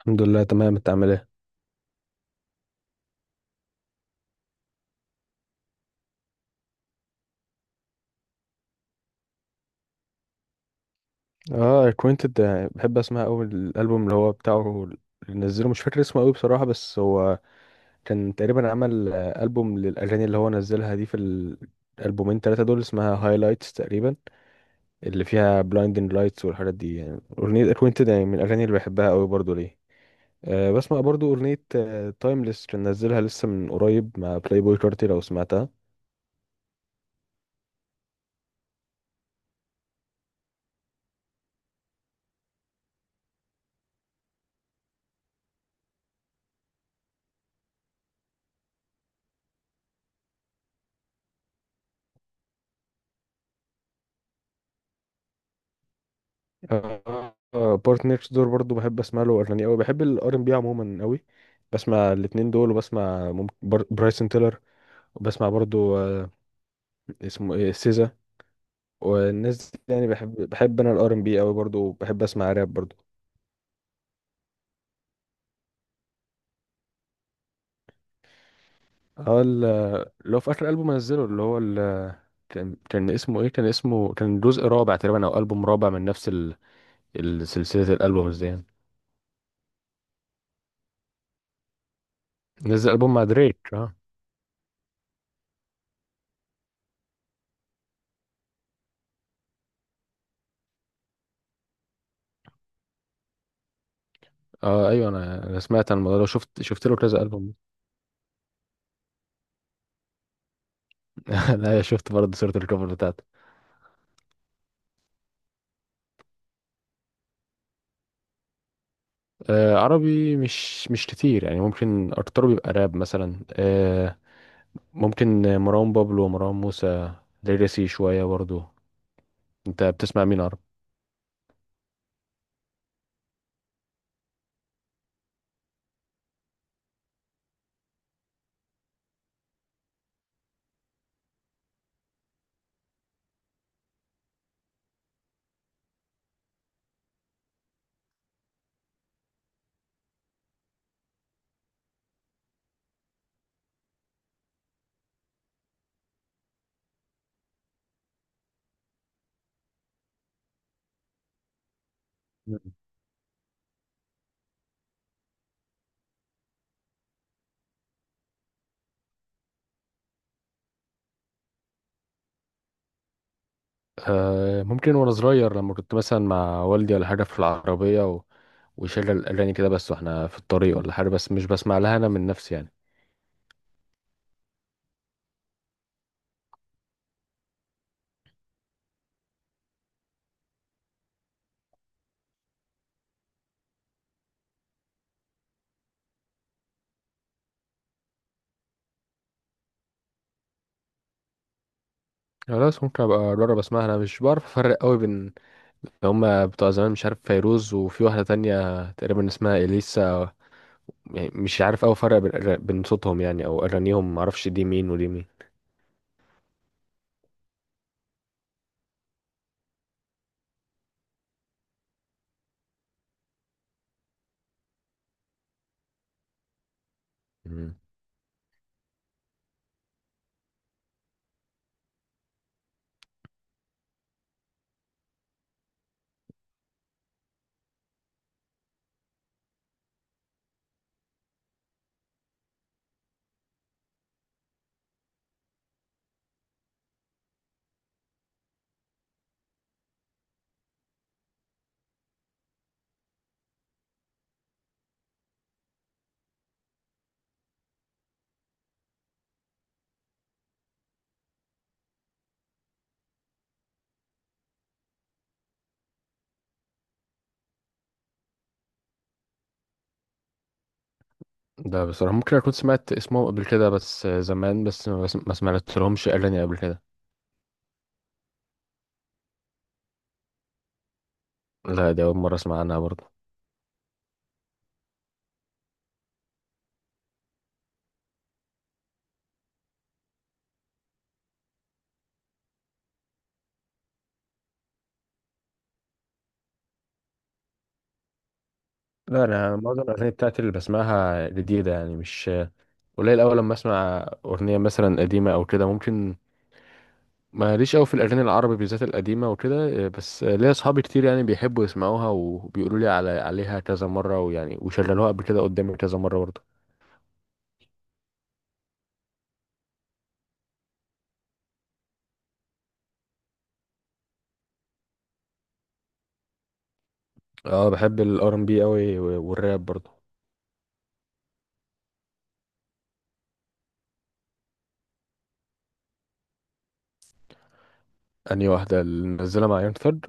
الحمد لله، تمام. انت عامل ايه؟ اه، acquainted. بحب اسمع قوي الالبوم اللي هو بتاعه اللي نزله. مش فاكر اسمه قوي بصراحه، بس هو كان تقريبا عمل البوم للاغاني اللي هو نزلها دي في الالبومين ثلاثه دول. اسمها هايلايتس تقريبا، اللي فيها blinding lights والحاجات دي. يعني اغنيه acquainted يعني من الاغاني اللي بحبها قوي برضو ليه. بسمع برضو اغنيه تايمليس، كان نزلها لسه من قريب مع بلاي بوي كارتي لو سمعتها. بارت نيكست دور برضو بحب اسمع له اغاني قوي. بحب الار ام بي عموما قوي، بسمع الاتنين دول. وبسمع ممكن برايسون تيلر، وبسمع برضو اسمه ايه، سيزا. والناس دي يعني، بحب بحب انا الار ام بي قوي برضو، بحب اسمع راب برضو. هو ال- اللي هو في اخر البوم نزله، اللي هو كان اسمه ايه، كان جزء رابع تقريبا، او البوم رابع من نفس سلسله الالبومز دي يعني. نزل البوم مع دريك، اه. اه، ايوه، انا سمعت عن الموضوع ده، شفت شفت له كذا البوم. انا شفت برضه صورة الكفر بتاعته. عربي مش كتير، يعني ممكن ارتضو بيبقى راب مثلا. ممكن مروان بابلو ومروان موسى، ليجاسي شوية برضه. انت بتسمع مين عربي؟ مم. ممكن، وانا صغير لما كنت مثلا مع والدي ولا حاجة في العربية ويشغل اغاني كده، بس واحنا في الطريق ولا حاجة. بس مش بسمع لها انا من نفسي يعني. خلاص، ممكن ابقى اجرب اسمعها. انا مش بعرف افرق قوي بين اللي هما بتوع زمان، مش عارف، فيروز وفي واحدة تانية تقريبا اسمها اليسا. يعني مش عارف أوي أفرق بين بين صوتهم يعني، أو أغانيهم معرفش دي مين ودي مين. مم. ده بصراحة ممكن أكون سمعت اسمهم قبل كده، بس زمان، ما سمعت لهمش أغاني قبل كده. لا، دي أول مرة أسمع عنها برضه. لا، أنا معظم الأغاني بتاعتي اللي بسمعها جديدة يعني. مش قليل أوي لما أسمع أغنية مثلا قديمة أو كده ممكن. ماليش أوي في الأغاني العربي بالذات القديمة وكده، بس ليا أصحابي كتير يعني بيحبوا يسمعوها وبيقولوا لي عليها كذا مرة، ويعني وشغلوها قبل كده قدامي كذا مرة برضه. اه، بحب الار ام بي قوي والراب برضو. اني واحده اللي منزله مع يون ثرد.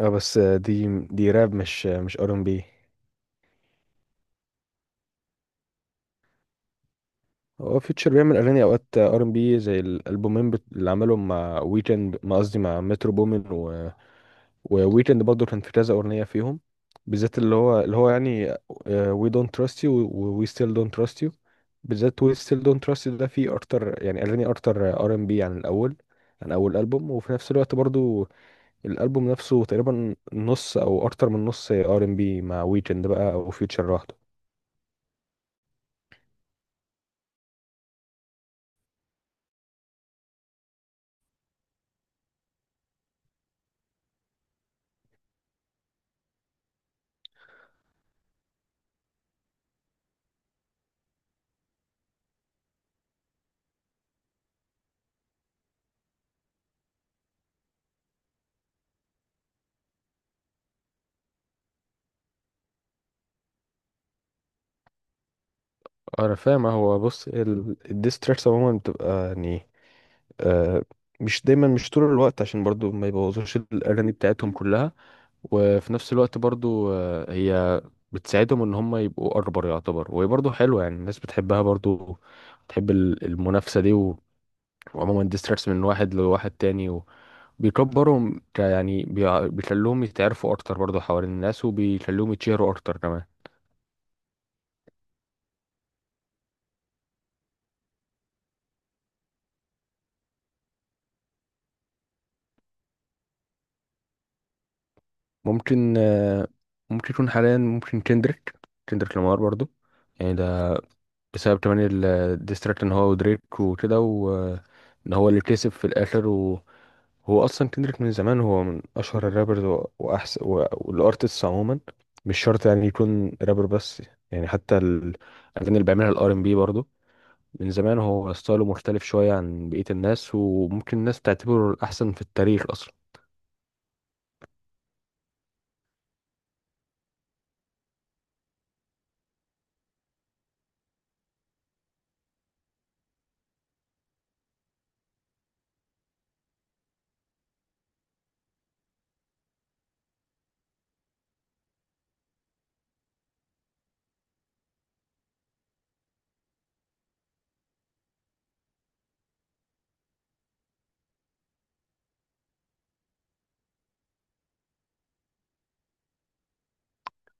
اه، بس دي راب، مش ار ام بي. هو فيوتشر بيعمل اغاني اوقات ار ام بي زي الالبومين اللي عملهم مع ويكند، ما قصدي مع مترو بومين وويكند برضو. كان في كذا اغنيه فيهم، بالذات اللي هو يعني وي دونت تراست يو، وي ستيل دونت تراست يو. بالذات وي ستيل دونت تراست يو ده فيه اكتر، يعني اغاني اكتر ار ام بي عن اول البوم. وفي نفس الوقت برضو الالبوم نفسه تقريبا نص او اكتر من نص ار ام بي مع ويكند بقى، او فيوتشر لوحده. انا فاهم. هو بص، الديستراكس عموما بتبقى يعني، آه مش دايما، مش طول الوقت، عشان برضو ما يبوظوش الاغاني بتاعتهم كلها. وفي نفس الوقت برضو هي بتساعدهم ان هم يبقوا اكبر، يعتبر. وهي برضو حلوه يعني، الناس بتحبها برضو، بتحب المنافسه دي. وعموما الديستراكس من واحد لواحد تاني بيكبرهم، يعني بيخلوهم يتعرفوا اكتر برضه حوالين الناس، وبيخلوهم يتشهروا اكتر كمان. ممكن ممكن يكون حاليا، ممكن كندريك، كندريك لامار برضه. يعني ده بسبب كمان الديستراكت ان هو ودريك وكده، وان هو اللي كسب في الاخر. وهو اصلا كندريك من زمان هو من اشهر الرابرز واحسن والارتستس عموما. مش شرط يعني يكون رابر بس، يعني حتى الاغاني اللي بيعملها الار ام بي من زمان. هو ستايله مختلف شوية عن بقية الناس، وممكن الناس تعتبره الأحسن في التاريخ أصلا.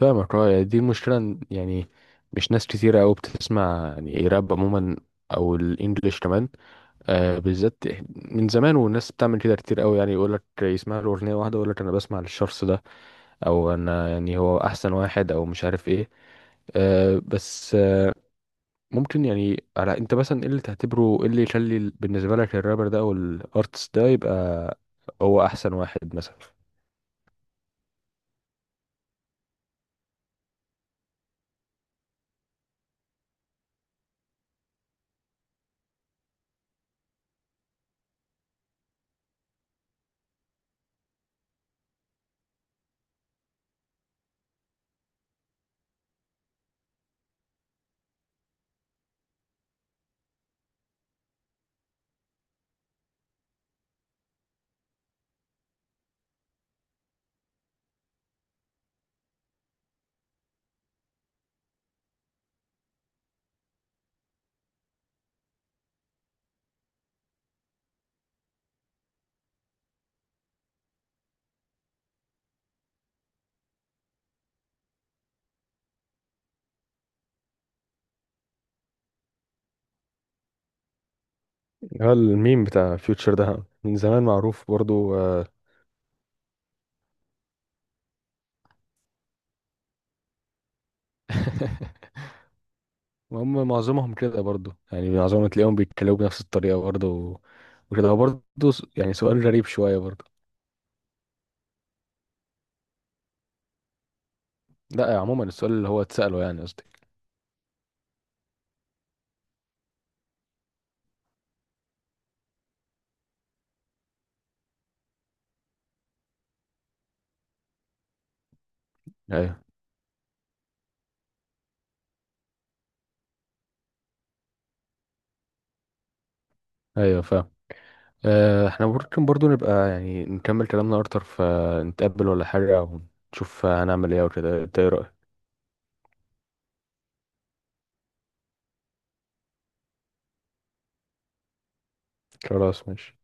فاهمك. اه يعني دي المشكلة، يعني مش ناس كتيرة أوي بتسمع يعني راب عموما، أو الإنجليش كمان، بالذات من زمان والناس بتعمل كده كتير أوي يعني، يقولك يسمع له أغنية واحدة يقولك أنا بسمع للشخص ده، أو أنا يعني هو أحسن واحد أو مش عارف إيه. بس ممكن يعني، على انت مثلا ايه اللي تعتبره، ايه اللي يخلي بالنسبه لك الرابر ده او الارتست ده يبقى هو احسن واحد مثلا. هو الميم بتاع فيوتشر ده من زمان معروف برضو. هم معظمهم كده برضو يعني، معظمهم تلاقيهم بيتكلموا بنفس الطريقه برضو. وكده هو برضو يعني سؤال غريب شويه برضو. لا، عموما السؤال اللي هو اتساله، يعني قصدي. ايوه، ايوه، فاهم. احنا ممكن برضو نبقى يعني نكمل كلامنا اكتر فنتقابل ولا حاجة، ونشوف هنعمل ايه وكده. إنت ايه رأيك؟ خلاص، ماشي.